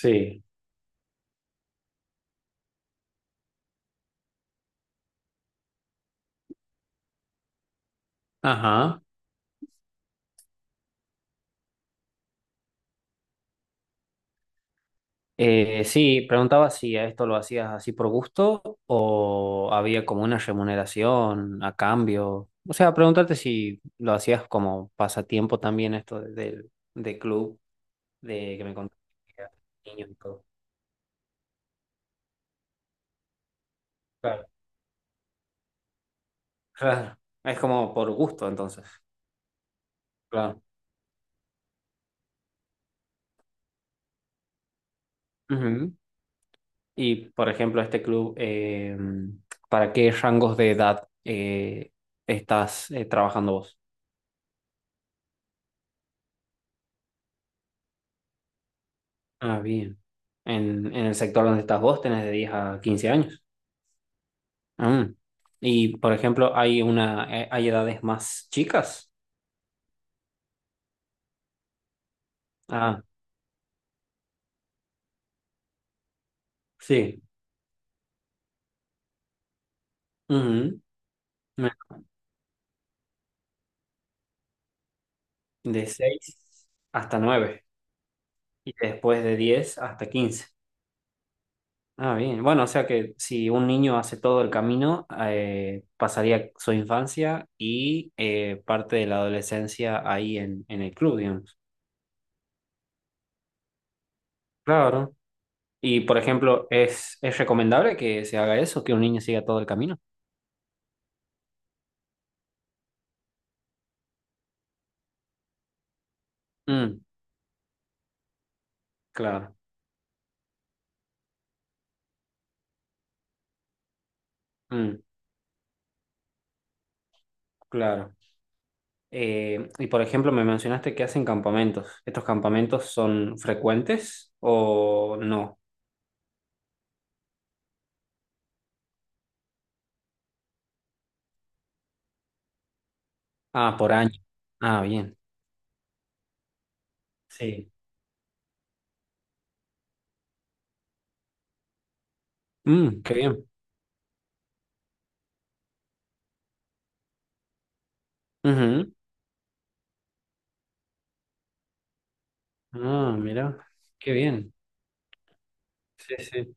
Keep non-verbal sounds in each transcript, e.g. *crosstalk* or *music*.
Sí, ajá. Sí, preguntaba si a esto lo hacías así por gusto o había como una remuneración a cambio. O sea, preguntarte si lo hacías como pasatiempo también esto de- del de club, de que me contaste, que y todo. Claro. Claro. Es como por gusto entonces. Claro. Ujú. Y por ejemplo, este club, ¿para qué rangos de edad estás trabajando vos? Ah, bien. En el sector donde estás vos tenés de 10 a 15 años. Ah. Y, por ejemplo, hay edades más chicas. Ah, sí. Ujú. Me- De 6 hasta 9 y después de 10 hasta 15. Ah, bien. Bueno, o sea que si un niño hace todo el camino, pasaría su infancia y parte de la adolescencia ahí en el club, digamos. Claro. Y, por ejemplo, ¿es recomendable que se haga eso, que un niño siga todo el camino? Mm, claro, mm, claro. Y, por ejemplo, me mencionaste que hacen campamentos. ¿Estos campamentos son frecuentes o no? Ah, por año. Ah, bien. Sí. Mm, qué bien. Ujú. Ah, mira, qué bien. Sí, sí.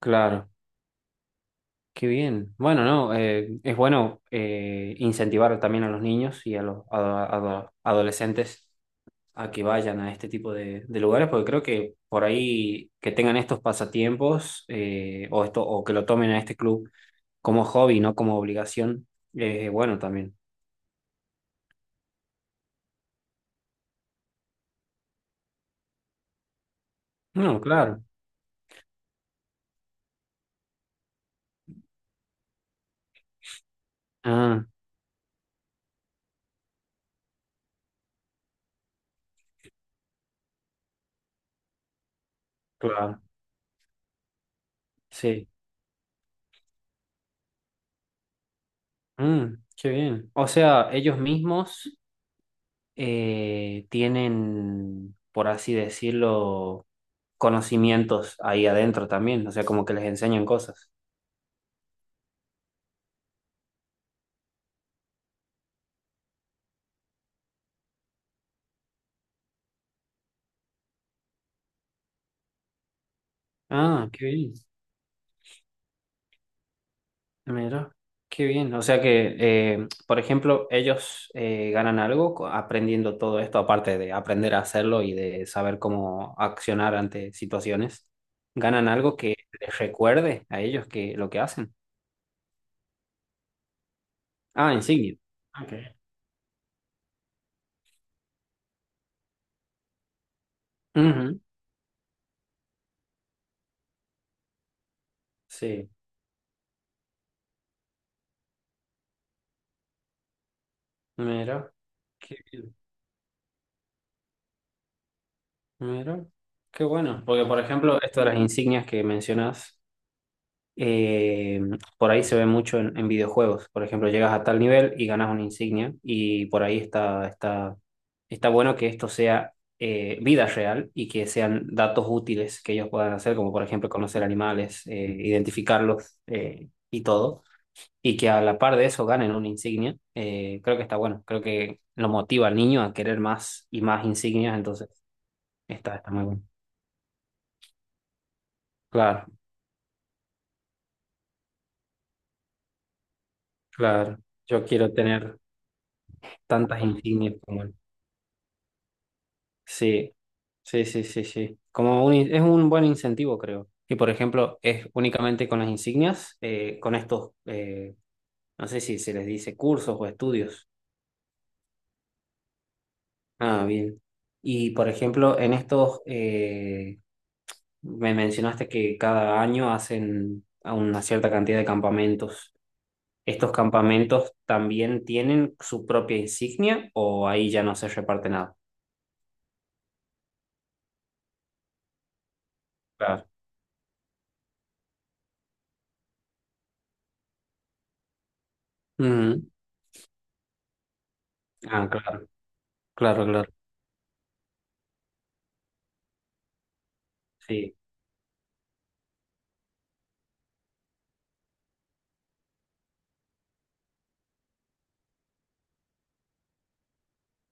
Claro, qué bien. Bueno, no, es bueno incentivar también a los niños y a los adolescentes a que vayan a este tipo de lugares, porque creo que por ahí que tengan estos pasatiempos o, o que lo tomen a este club como hobby, no como obligación, es bueno también. No, claro. Ah, claro. Sí. Mm, qué bien. O sea, ellos mismos tienen, por así decirlo, conocimientos ahí adentro también, o sea, como que les enseñan cosas. Ah, qué bien. Mira, qué bien. O sea que, por ejemplo, ellos ganan algo aprendiendo todo esto, aparte de aprender a hacerlo y de saber cómo accionar ante situaciones. ¿Ganan algo que les recuerde a ellos que lo que hacen? Ah, insignia. Okay. Ujú, sí, mira, qué bien. Mira, qué bueno. Porque, por ejemplo, esto de las insignias que mencionas. eh, por ahí se ve mucho en videojuegos. Por ejemplo, llegas a tal nivel y ganas una insignia y por ahí está bueno que esto sea vida real y que sean datos útiles que ellos puedan hacer, como por ejemplo conocer animales, identificarlos y todo. Y que a la par de eso ganen una insignia, creo que está bueno. Creo que lo motiva al niño a querer más y más insignias, entonces está muy bueno. Claro, claro. Yo quiero tener tantas insignias como él. Sí, sí, sí, sí, sí. Como Es un buen incentivo, creo. Y por ejemplo, es únicamente con las insignias, con estos, no sé si se les dice cursos o estudios. Ah, bien. Y por ejemplo, me mencionaste que cada año hacen a una cierta cantidad de campamentos. ¿Estos campamentos también tienen su propia insignia o ahí ya no se reparte nada? Claro. Ujú. Ah, claro, claro, claro. Sí,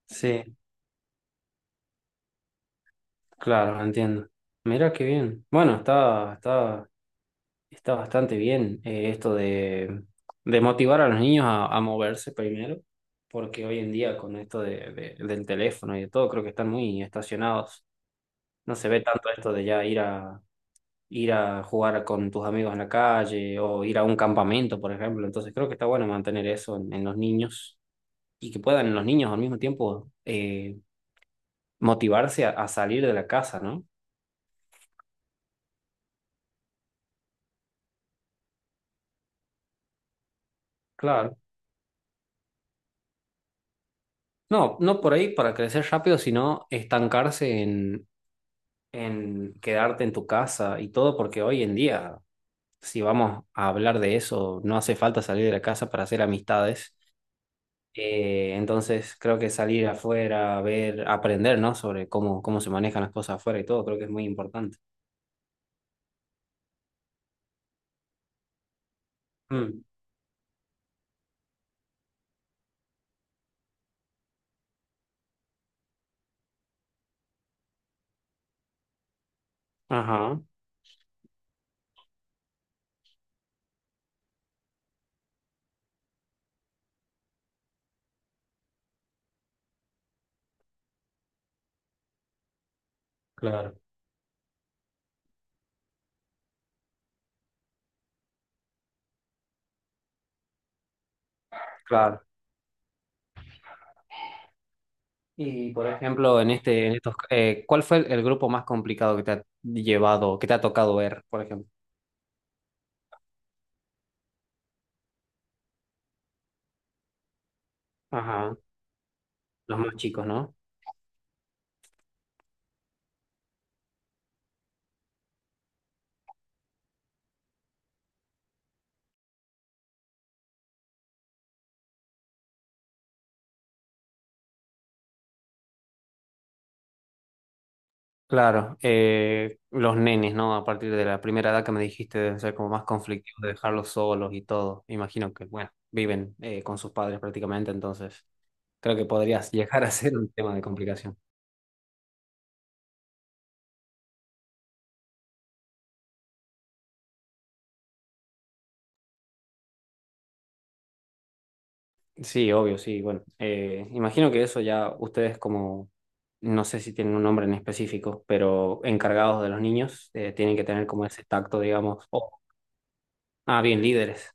sí. Claro, entiendo. Mira qué bien. Bueno, está, está bastante bien esto de motivar a los niños a moverse primero, porque hoy en día con esto del teléfono y de todo, creo que están muy estacionados. No se ve tanto esto de ya ir a jugar con tus amigos en la calle o ir a un campamento, por ejemplo. Entonces creo que está bueno mantener eso en los niños y que puedan los niños al mismo tiempo motivarse a salir de la casa, ¿no? Claro. No, no por ahí para crecer rápido, sino estancarse en quedarte en tu casa y todo, porque hoy en día, si vamos a hablar de eso, no hace falta salir de la casa para hacer amistades. Entonces, creo que salir afuera, ver, aprender, ¿no? Sobre cómo, cómo se manejan las cosas afuera y todo, creo que es muy importante. Mm, ajá, claro, claro. Y, por ejemplo, en este, en estos, ¿cuál fue el grupo más complicado que te ha llevado, que te ha tocado ver, por ejemplo? Ajá, los más chicos, ¿no? Claro, los nenes, ¿no? A partir de la primera edad que me dijiste deben ser como más conflictivos de dejarlos solos y todo. Me imagino que, bueno, viven con sus padres prácticamente, entonces creo que podrías *laughs* llegar a ser un tema de complicación. Sí, obvio, sí, bueno. Imagino que eso ya ustedes como, no sé si tienen un nombre en específico, pero encargados de los niños, tienen que tener como ese tacto, digamos. Ah, bien, líderes,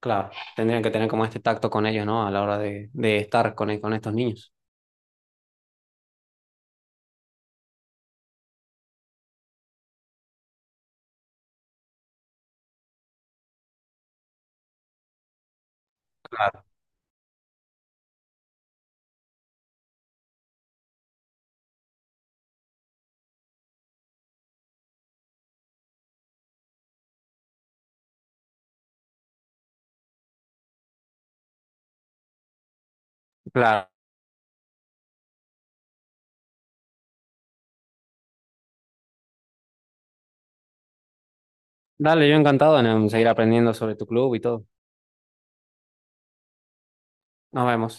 claro. Tendrían que tener como este tacto con ellos, ¿no? A la hora de estar con estos niños. Claro, claro. Dale, yo encantado en seguir aprendiendo sobre tu club y todo. Nos vemos.